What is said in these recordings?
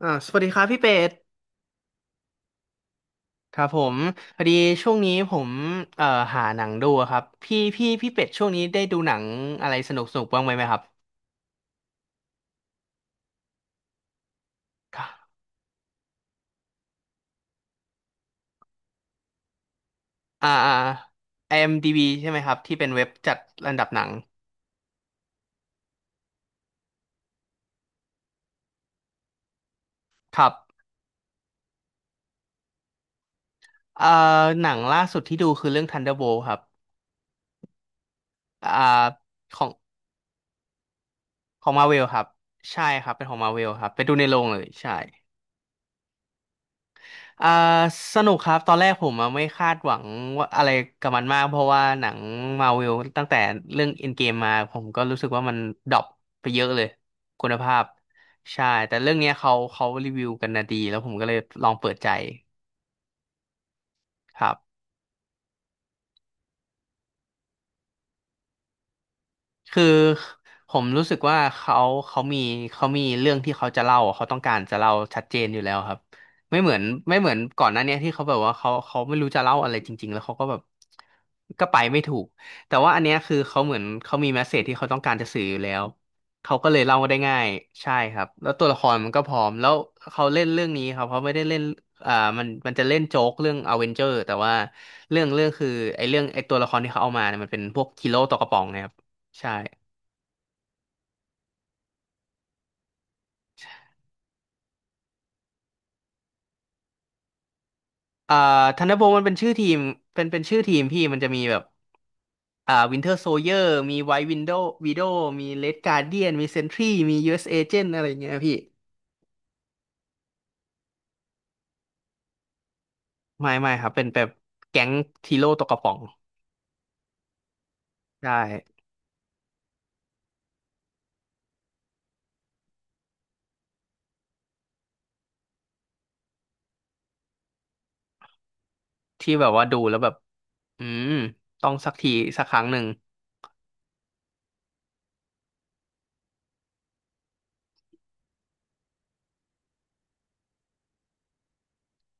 สวัสดีครับพี่เป็ดครับผมพอดีช่วงนี้ผมเอ่อหาหนังดูอะครับพี่เป็ดช่วงนี้ได้ดูหนังอะไรสนุกบ้างไหมครับครับอ่าอ่า IMDb ใช่ไหมครับที่เป็นเว็บจัดอันดับหนังครับเอ่หนังล่าสุดที่ดูคือเรื่อง Thunderbolt ครับอ่าของของ Marvel ครับใช่ครับเป็นของ Marvel ครับไปดูในโรงเลยใช่ อ่าสนุกครับตอนแรกผมอะไม่คาดหวังว่าอะไรกับมันมากเพราะว่าหนังมาวิลตั้งแต่เรื่องเอ็นเกมมาผมก็รู้สึกว่ามันดรอปไปเยอะเลยคุณภาพใช่แต่เรื่องเนี้ยเขารีวิวกันนะดีแล้วผมก็เลยลองเปิดใจครับ คือผมรู้สึกว่าเขามีเขามีเรื่องที่เขาจะเล่าอะเขาต้องการจะเล่าชัดเจนอยู่แล้วครับไม่เหมือนไม่เหมือนก่อนหน้าเนี้ยที่เขาแบบว่าเขาไม่รู้จะเล่าอะไรจริงๆแล้วเขาก็แบบก็ไปไม่ถูกแต่ว่าอันเนี้ยคือเขาเหมือนเขามีเมสเสจที่เขาต้องการจะสื่ออยู่แล้วเขาก็เลยเล่าได้ง่ายใช่ครับแล้วตัวละครมันก็พร้อมแล้วเขาเล่นเรื่องนี้ครับเขาไม่ได้เล่นอ่ามันจะเล่นโจ๊กเรื่องอเวนเจอร์แต่ว่าเรื่องคือไอ้เรื่องไอ้ตัวละครที่เขาเอามาเนี่ยมันเป็นพวกฮีโร่ตวกระป๋องนะครับใช่ อ่าธันเดอร์โบมันเป็นชื่อทีมเป็นชื่อทีมพี่มันจะมีแบบวินเทอร์โซเยอร์มีไวท์วินโดวีโดมีเลดการ์เดียนมีเซนทรีมียูเอสเอเจนอะไรเงี้ยพี่ไม่ครับเป็นแบบแก๊งทีโร่ตกกระป๋องใช่ที่แบบว่าดูแล้วแบบอืมต้องสักทีสักครั้งหนึ่ง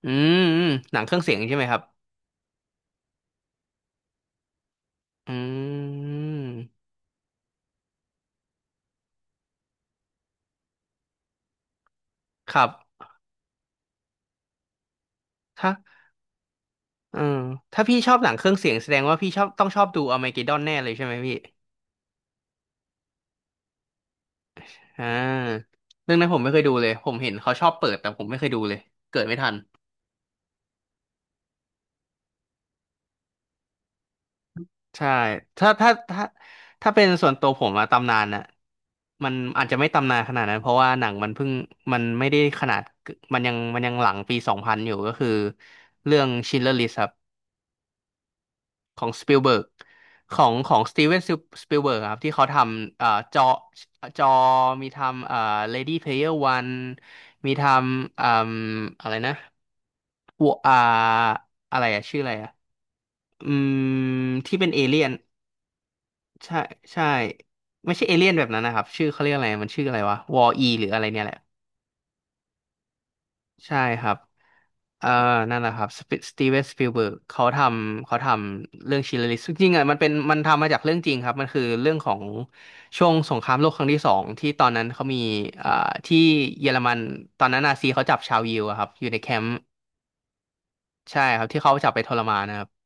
อืมหนังเครื่องเสียงใช่ไหมครับอืมครับถ้าเออถ้าพี่ชอบหนังเครื่องเสียงแสดงว่าพี่ชอบต้องชอบดูอ r m ม g e ก d ดอนแน่เลยใช่ไหมพี่ อ่าเรื่องนั้นผมไม่เคยดูเลยผมเห็นเขาชอบเปิดแต่ผมไม่เคยดูเลยเกิดไม่ทันใช่ถ้าถ้าเป็นส่วนตัวผมอะตำนานอะมันอาจจะไม่ตำนานขนาดนั้นเพราะว่าหนังมันเพิ่งมันไม่ได้ขนาดมันยังหลังปีสองพันอยู่ก็คือเรื่อง s c h i n อ l e r List ครับ ของสปิลเบิร์กของสตีเวนสปิลเบิร์กครับที่เขาทำจอจอมีทำLady Player One มีทำอ่มอะไรนะวัวอะไรอะชื่ออะไรอะอืมที่เป็นเอเลี่ยนใช่ใช่ไม่ใช่เอเลี่ยนแบบนั้นนะครับชื่อเขาเรียกอะไรมันชื่ออะไรวะวอ e หรืออะไรเนี่ยแหละใช่ครับ เอ่อนั่นแหละครับสปสตีเวนสปิลเบิร์กเขาทำเขาทำเรื่องชิลลิส จริงๆอ่ะมันเป็นมันทำมาจากเรื่องจริงครับ มันคือเรื่องของช่วงสงครามโลกครั้งที่สองที่ตอนนั้นเขามีเอ่อที่เยอรมันตอนนั้นนาซีเขาจับชาวยิวอะครับ อยู่ในแคมป์ใช่ครับที่เขาจับไปทรมานนะครับ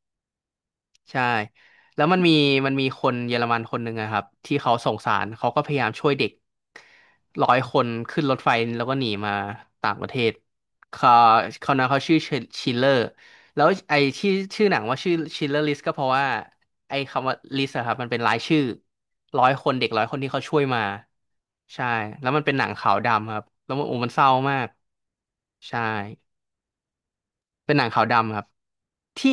ใช่แล้วมันมีมันมีคนเยอรมันคนหนึ่งอะครับที่เขาสงสารเขาก็พยายามช่วยเด็กร้อยคนขึ้นรถไฟแล้วก็หนีมาต่างประเทศเขาเขานะเขาชื่อชิลเลอร์แล้วไอ้ที่ชื่อหนังว่าชื่อชิลเลอร์ลิสก็เพราะว่าไอ้คำว่าลิสอะครับมันเป็นรายชื่อร้อยคนเด็กร้อยคนที่เขาช่วยมาใช่แล้วมันเป็นหนังขาวดำครับแล้วมันโอ้มันเศร้ามากใช่เป็นหนังขาวดำครับที่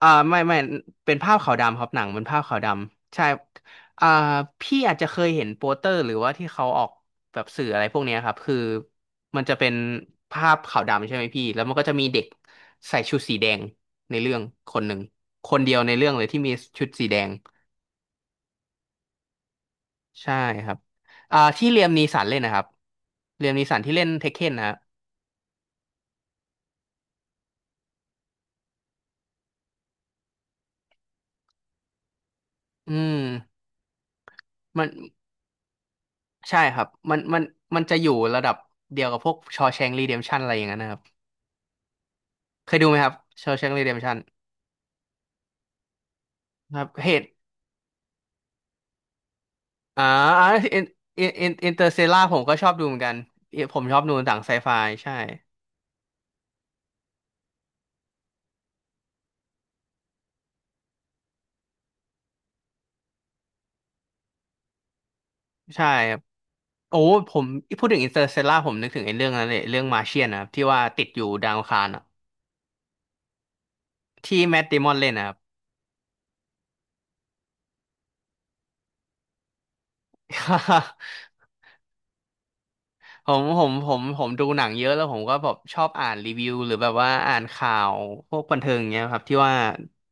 ไม่เป็นภาพขาวดำครับหนังเป็นภาพขาวดำใช่อ่าพี่อาจจะเคยเห็นโปสเตอร์หรือว่าที่เขาออกแบบสื่ออะไรพวกเนี้ยครับคือมันจะเป็นภาพขาวดำใช่ไหมพี่แล้วมันก็จะมีเด็กใส่ชุดสีแดงในเรื่องคนหนึ่งคนเดียวในเรื่องเลยที่มีชุดสีแดงใช่ครับที่เลียมนีสันเล่นนะครับเลียมนีสันที่เล่นเทคเคนนะฮะอืมมันใช่ครับมันจะอยู่ระดับเดียวกับพวกชอแชงรีเดมชันอะไรอย่างนั้นนะครับ เคยดูไหมครับเชว์แชงกรีเดมชันครับเหตุอ่าอาอินอินอินอินเตอร์เซล่าผมก็ชอบดูเหมือนกันผมชอบดูหนังไซไฟใช่ใช่ครับโอ้ผมพูดถึงอินเตอร์เซล่าผมนึกถึงไอ้เรื่องนั้นเลยเรื่องมาเชียนนะครับที่ว่าติดอยู่ดาวอังคารอะที่แมท ดมอนเล่นนะครับ ผมดูหนังเยอะแล้วผมก็แบบชอบอ่านรีวิวหรือแบบว่าอ่านข่าวพวกบันเทิงอย่างเงี้ยครับที่ว่า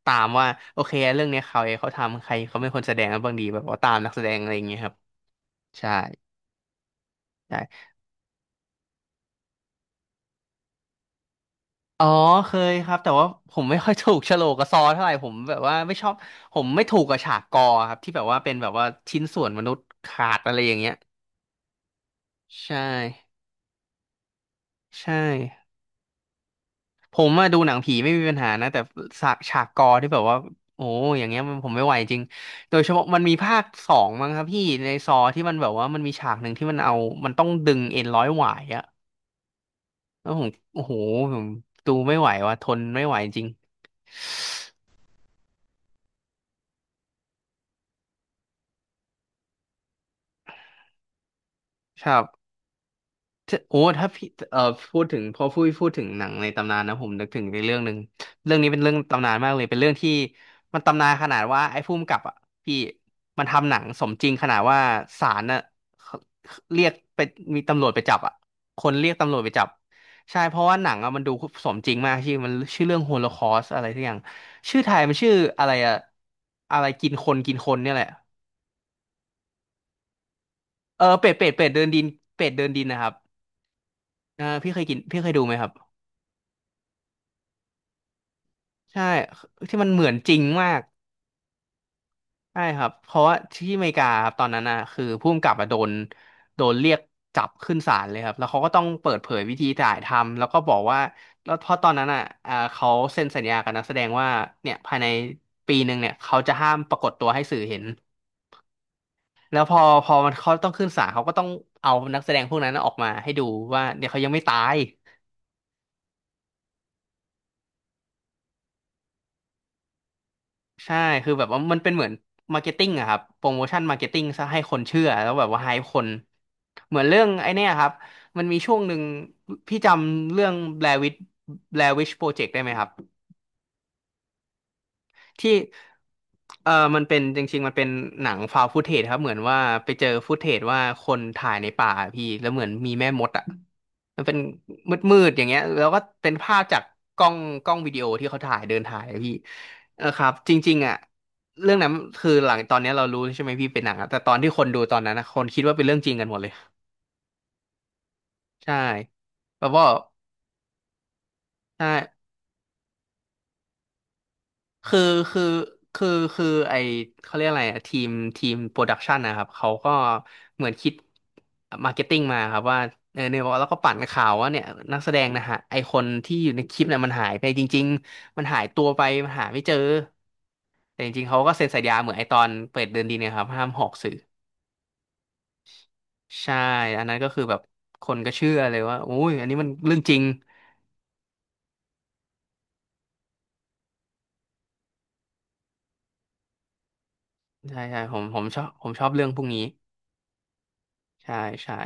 ตามว่าโอเคเรื่องเนี้ยเขาเองเขาทำใครเขาเป็นคนแสดงกันบ้างดีแบบว่าตามนักแสดงอะไรอย่างเงี้ยครับ ใช่ใช่อ๋อเคยครับแต่ว่าผมไม่ค่อยถูกโฉลกกับซอเท่าไหร่ผมแบบว่าไม่ชอบผมไม่ถูกกับฉากกอครับที่แบบว่าเป็นแบบว่าชิ้นส่วนมนุษย์ขาดอะไรอย่างเงี้ยใช่ใช่ผมมาดูหนังผีไม่มีปัญหานะแต่ฉากกอที่แบบว่าโอ้อย่างเงี้ยมันผมไม่ไหวจริงโดยเฉพาะมันมีภาคสองมั้งครับพี่ในซอที่มันแบบว่ามันมีฉากหนึ่งที่มันเอามันต้องดึงเอ็นร้อยหวายอะแล้วผมโอ้โหผมดูไม่ไหวว่ะทนไม่ไหวจริงครับ ถ้าโอ้ถ้าพี่พูดถึงพอพูดถึงหนังในตำนานนะผมนึกถึงในเรื่องหนึ่งเรื่องนี้เป็นเรื่องตำนานมากเลยเป็นเรื่องที่มันตำนานขนาดว่าไอ้ผู้กำกับอ่ะพี่มันทำหนังสมจริงขนาดว่าศาลน่ะเขาเรียกไปมีตำรวจไปจับอ่ะคนเรียกตำรวจไปจับใช่เพราะว่าหนังอ่ะมันดูสมจริงมากชื่อมันชื่อเรื่องโฮโลคอสอะไรทุกอย่างชื่อไทยมันชื่ออะไรอ่ะอะไรกินคนกินคนเนี่ยแหละเออเป็ดเป็ดเดินดินเป็ดเดินดินนะครับเออพี่เคยกินพี่เคยดูไหมครับ ใช่ที่มันเหมือนจริงมากใช่ครับเพราะว่าที่อเมริกาครับตอนนั้นนะคือผู้กำกับอะโดนโดนเรียกจับขึ้นศาลเลยครับแล้วเขาก็ต้องเปิดเผยวิธีถ่ายทำแล้วก็บอกว่าแล้วเพราะตอนนั้นอ่ะเขาเซ็นสัญญากับนักแสดงว่าเนี่ยภายในปีหนึ่งเนี่ยเขาจะห้ามปรากฏตัวให้สื่อเห็นแล้วพอมันเขาต้องขึ้นศาลเขาก็ต้องเอานักแสดงพวกนั้นออกมาให้ดูว่าเนี่ยเขายังไม่ตาย ใช่คือแบบว่ามันเป็นเหมือนมาร์เก็ตติ้งอะครับโปรโมชั่นมาร์เก็ตติ้งซะให้คนเชื่อ แล้วแบบว่าไฮป์คนเหมือนเรื่องไอ้เนี่ยครับ มันมีช่วงหนึ่งพี่จำเรื่อง Blair Witch Blair Witch Project ได้ไหมครับ ที่เออมันเป็นจริงๆมันเป็นหนังฟาวฟ ตเทจครับเหมือนว่าไปเจอฟุตเทจว่าคนถ่ายในป่าพี่แล้วเหมือนมีแม่มดอ่ะมันเป็นมืดๆอย่างเงี้ยแล้วก็เป็นภาพจากกล้องกล้องวิดีโอที่เขาถ่ายเดินถ่ายอะพี่เออครับจริงๆอ่ะเรื่องนั้นคือหลังตอนเนี้ยเรารู้ใช่ไหมพี่เป็นหนังอะแต่ตอนที่คนดูตอนนั้นนะคนคิดว่าเป็นเรื่องจริงกันหมดเลยใช่แล้วก็ใช่ คือคือคือคือไอเขาเรียกอะไรอะทีมทีมโปรดักชันนะครับเขาก็เหมือนคิดมาร์เก็ตติ้งมาครับว่าเออเนี่ยแล้วก็ปั่นข่าวว่าเนี่ยนักแสดงนะฮะไอคนที่อยู่ในคลิปเนี่ยมันหายไปจริงๆมันหายตัวไปมันหาไม่เจอแต่จริงๆเขาก็เซ็นสัญญาเหมือนไอตอนเปิดเดินดีเนี่ยครับห้ามหอกสื่อใช่อันนั้นก็คือแบบคนก็เชื่อเลยว่าออ้ยอันนี้มันเรื่องจริงใช่ใช่ผมชอบผมชอบเรื่องพวกนี้ใช่ใช่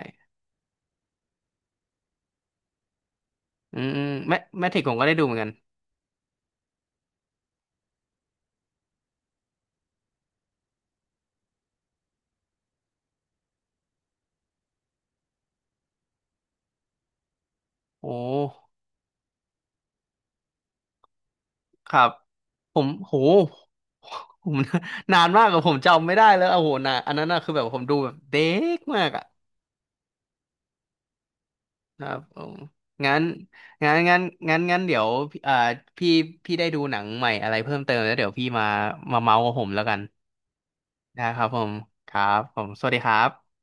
อืมอืมแมทริกผมก็ได้ดูเหมือนกันโอ้ ครับผมโหผม นานมากอะผมจำไม่ได้แล้วโอ้โหนะอันนั้นอะคือแบบผมดูแบบเด็กมากอะครับผมงั้นงั้นงั้นงั้นเดี๋ยวเอ่อพี่พี่ได้ดูหนังใหม่อะไรเพิ่มเติมแล้วเดี๋ยวพี่มามาเมาส์กับผมแล้วกันนะครับผมครับผมสวัสดีครับ